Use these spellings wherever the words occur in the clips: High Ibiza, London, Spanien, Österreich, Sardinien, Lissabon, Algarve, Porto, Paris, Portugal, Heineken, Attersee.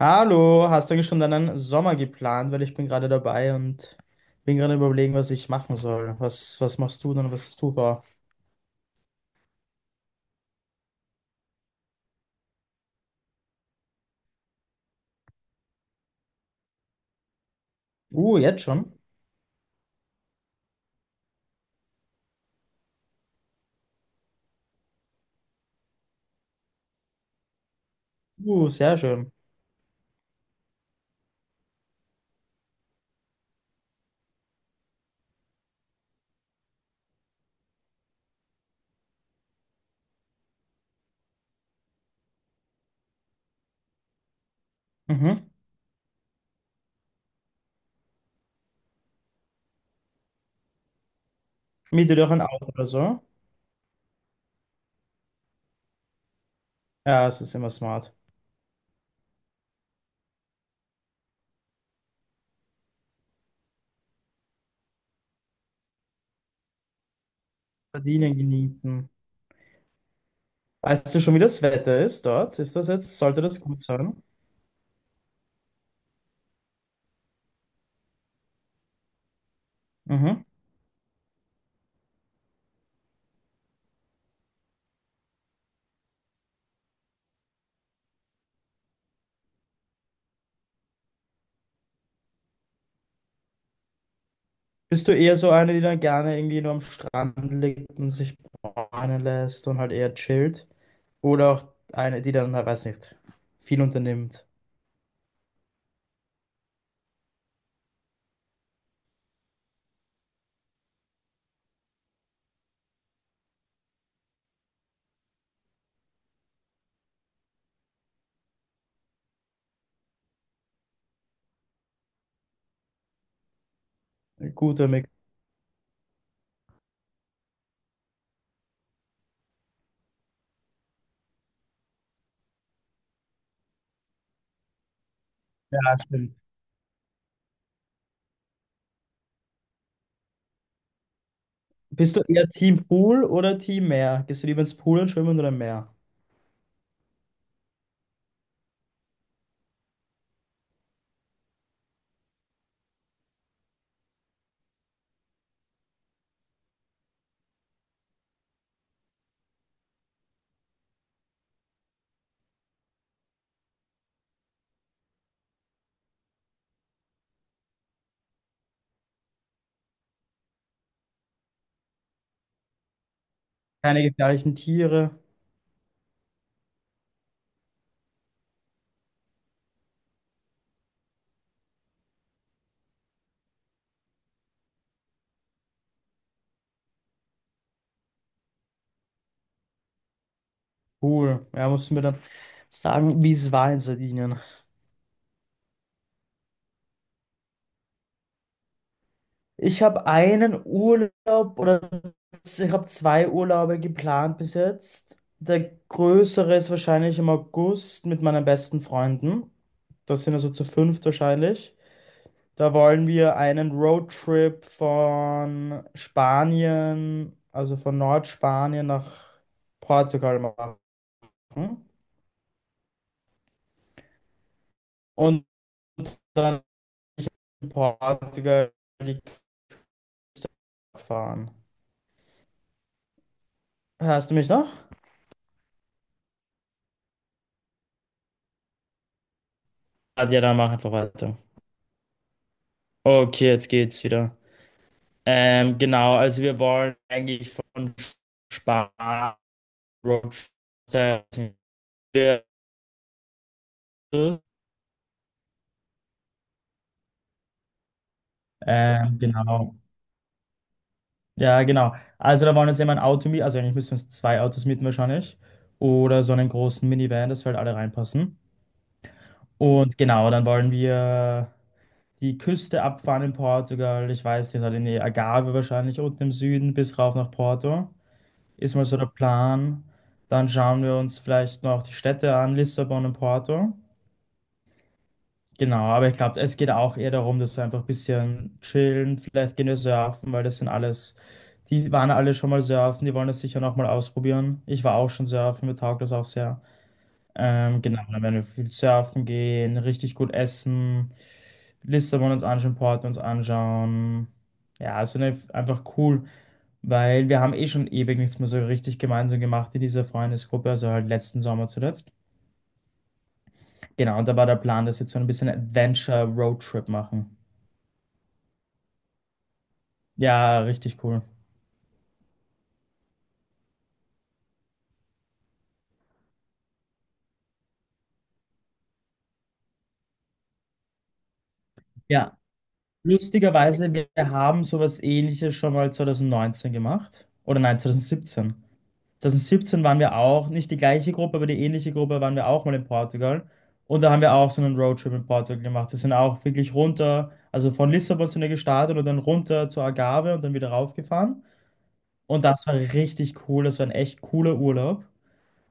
Hallo, hast du eigentlich schon deinen Sommer geplant? Weil ich bin gerade dabei und bin gerade überlegen, was ich machen soll. Was machst du denn? Was hast du vor? Jetzt schon? Sehr schön. Mhm. Miete dir auch ein Auto oder so? Ja, es ist immer smart. Verdienen, genießen. Weißt du schon, wie das Wetter ist dort? Ist das jetzt, sollte das gut sein? Mhm. Bist du eher so eine, die dann gerne irgendwie nur am Strand liegt und sich bräunen lässt und halt eher chillt? Oder auch eine, die dann, na, weiß nicht, viel unternimmt? Guter Mix. Stimmt. Bist du eher Team Pool oder Team Meer? Gehst du lieber ins Pool und schwimmen oder im Meer? Keine gefährlichen Tiere. Pool. Ja, musst du mir dann sagen, wie es war in Sardinien. Ich habe einen Urlaub oder ich habe zwei Urlaube geplant bis jetzt. Der größere ist wahrscheinlich im August mit meinen besten Freunden. Das sind also zu fünft wahrscheinlich. Da wollen wir einen Roadtrip von Spanien, also von Nordspanien nach Portugal machen und dann in Portugal die Cup fahren. Hörst du mich noch? Ah, ja, dann mach einfach weiter. Okay, jetzt geht's wieder. Genau, also wir wollen eigentlich von Spanien Roadtrip. Ähm, genau. Ja, genau. Also da wollen jetzt immer ein Auto mieten, also eigentlich müssen wir uns zwei Autos mieten wahrscheinlich. Oder so einen großen Minivan, dass wir halt alle reinpassen. Und genau, dann wollen wir die Küste abfahren in Portugal. Ich weiß nicht, halt in die Algarve wahrscheinlich unten im Süden bis rauf nach Porto. Ist mal so der Plan. Dann schauen wir uns vielleicht noch die Städte an, Lissabon und Porto. Genau, aber ich glaube, es geht auch eher darum, dass wir einfach ein bisschen chillen, vielleicht gehen wir surfen, weil das sind alles, die waren alle schon mal surfen, die wollen das sicher noch mal ausprobieren. Ich war auch schon surfen, mir taugt das auch sehr. Genau, dann werden wir viel surfen gehen, richtig gut essen, Lissabon uns anschauen, Porto uns anschauen. Ja, es wird einfach cool, weil wir haben eh schon ewig nichts mehr so richtig gemeinsam gemacht in dieser Freundesgruppe, also halt letzten Sommer zuletzt. Genau, und da war der Plan, dass wir jetzt so ein bisschen Adventure-Roadtrip machen. Ja, richtig cool. Ja, lustigerweise, wir haben sowas Ähnliches schon mal 2019 gemacht. Oder nein, 2017. 2017 waren wir auch, nicht die gleiche Gruppe, aber die ähnliche Gruppe waren wir auch mal in Portugal. Und da haben wir auch so einen Roadtrip in Portugal gemacht. Wir sind auch wirklich runter, also von Lissabon sind wir gestartet und dann runter zur Algarve und dann wieder raufgefahren. Und das war richtig cool. Das war ein echt cooler Urlaub.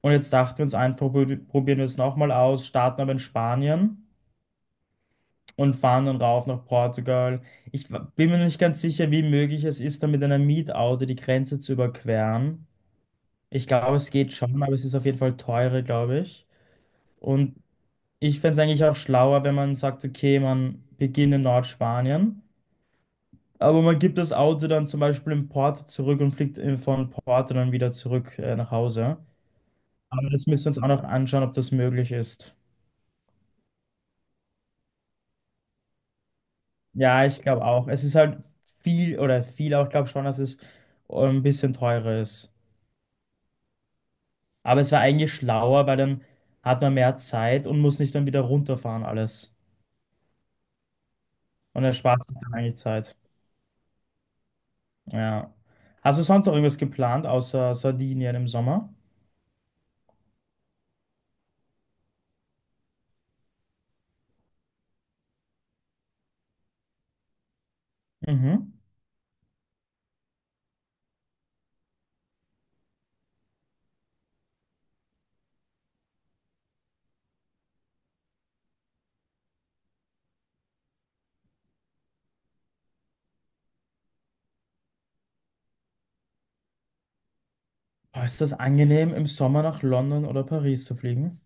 Und jetzt dachten wir uns einfach, probieren wir es nochmal aus, starten aber in Spanien. Und fahren dann rauf nach Portugal. Bin mir nicht ganz sicher, wie möglich es ist, da mit einem Mietauto die Grenze zu überqueren. Ich glaube, es geht schon, aber es ist auf jeden Fall teurer, glaube ich. Und ich fände es eigentlich auch schlauer, wenn man sagt, okay, man beginnt in Nordspanien, aber man gibt das Auto dann zum Beispiel in Porto zurück und fliegt von Porto dann wieder zurück, nach Hause. Aber das müssen wir uns auch noch anschauen, ob das möglich ist. Ja, ich glaube auch. Es ist halt viel oder viel auch, glaube schon, dass es ein bisschen teurer ist. Aber es war eigentlich schlauer, weil dann hat man mehr Zeit und muss nicht dann wieder runterfahren alles. Und erspart sich dann eigentlich Zeit. Ja. Hast du sonst noch irgendwas geplant, außer Sardinien im Sommer? Mhm. Boah, ist das angenehm, im Sommer nach London oder Paris zu fliegen?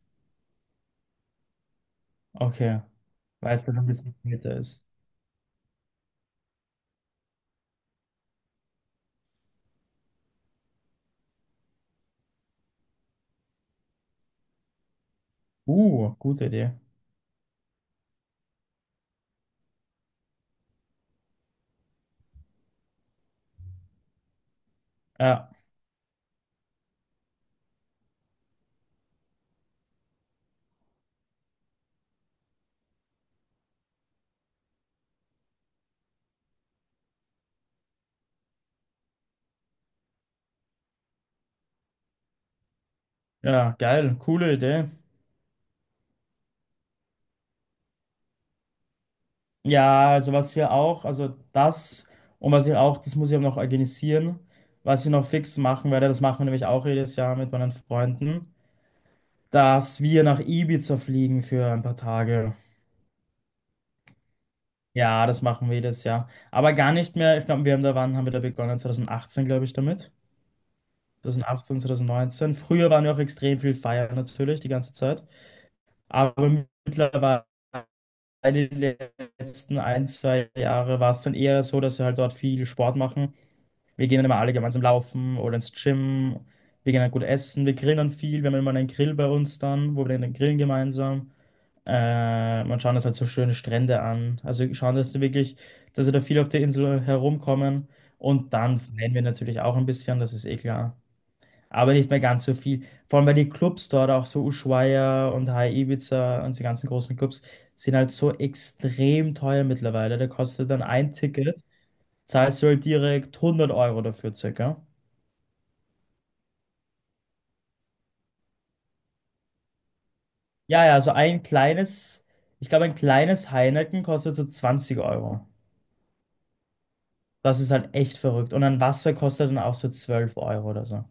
Okay. Weil es dann ein bisschen später ist. Gute Idee. Ja, ja, geil, coole Idee. Ja, also was wir auch, also das und was ich auch, das muss ich auch noch organisieren, was ich noch fix machen werde, das machen wir nämlich auch jedes Jahr mit meinen Freunden, dass wir nach Ibiza fliegen für ein paar Tage. Ja, das machen wir jedes Jahr. Aber gar nicht mehr, ich glaube, wir haben da, wann haben wir da begonnen? 2018, glaube ich, damit. 2018, 2019. Früher waren wir auch extrem viel feiern natürlich, die ganze Zeit. Aber mittlerweile, die letzten ein, zwei Jahre, war es dann eher so, dass wir halt dort viel Sport machen. Wir gehen dann immer alle gemeinsam laufen oder ins Gym. Wir gehen dann gut essen. Wir grillen viel. Wir haben immer einen Grill bei uns dann, wo wir dann grillen gemeinsam. Man schaut uns halt so schöne Strände an. Also wir schauen, dass wir wirklich, dass wir da viel auf der Insel herumkommen. Und dann feiern wir natürlich auch ein bisschen, das ist eh klar. Aber nicht mehr ganz so viel. Vor allem, weil die Clubs dort, auch so Ushuaia und High Ibiza und die ganzen großen Clubs, sind halt so extrem teuer mittlerweile. Da kostet dann ein Ticket, zahlst du halt direkt 100 € dafür circa. Ja, ja, so ein kleines, ich glaube, ein kleines Heineken kostet so 20 Euro. Das ist halt echt verrückt. Und ein Wasser kostet dann auch so 12 € oder so.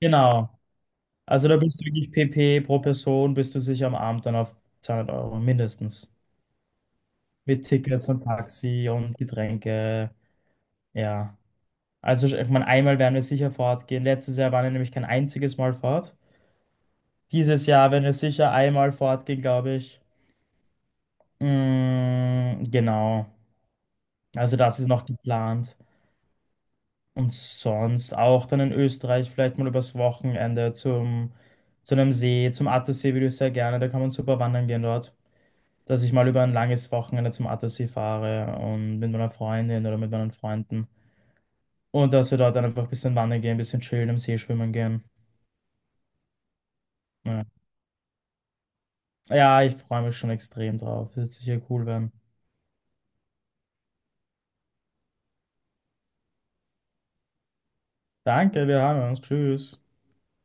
Genau. Also da bist du wirklich PP pro Person, bist du sicher am Abend dann auf 200 € mindestens. Mit Tickets und Taxi und Getränke. Ja. Also ich meine, einmal werden wir sicher fortgehen. Letztes Jahr waren wir nämlich kein einziges Mal fort. Dieses Jahr werden wir sicher einmal fortgehen, glaube ich. Genau. Also das ist noch geplant. Und sonst auch dann in Österreich vielleicht mal übers Wochenende zu einem See, zum Attersee würde ich sehr gerne. Da kann man super wandern gehen dort. Dass ich mal über ein langes Wochenende zum Attersee fahre und mit meiner Freundin oder mit meinen Freunden. Und dass wir dort dann einfach ein bisschen wandern gehen, ein bisschen chillen, im See schwimmen gehen. Ja, ja ich freue mich schon extrem drauf. Es wird sicher cool werden. Danke, wir haben uns. Tschüss.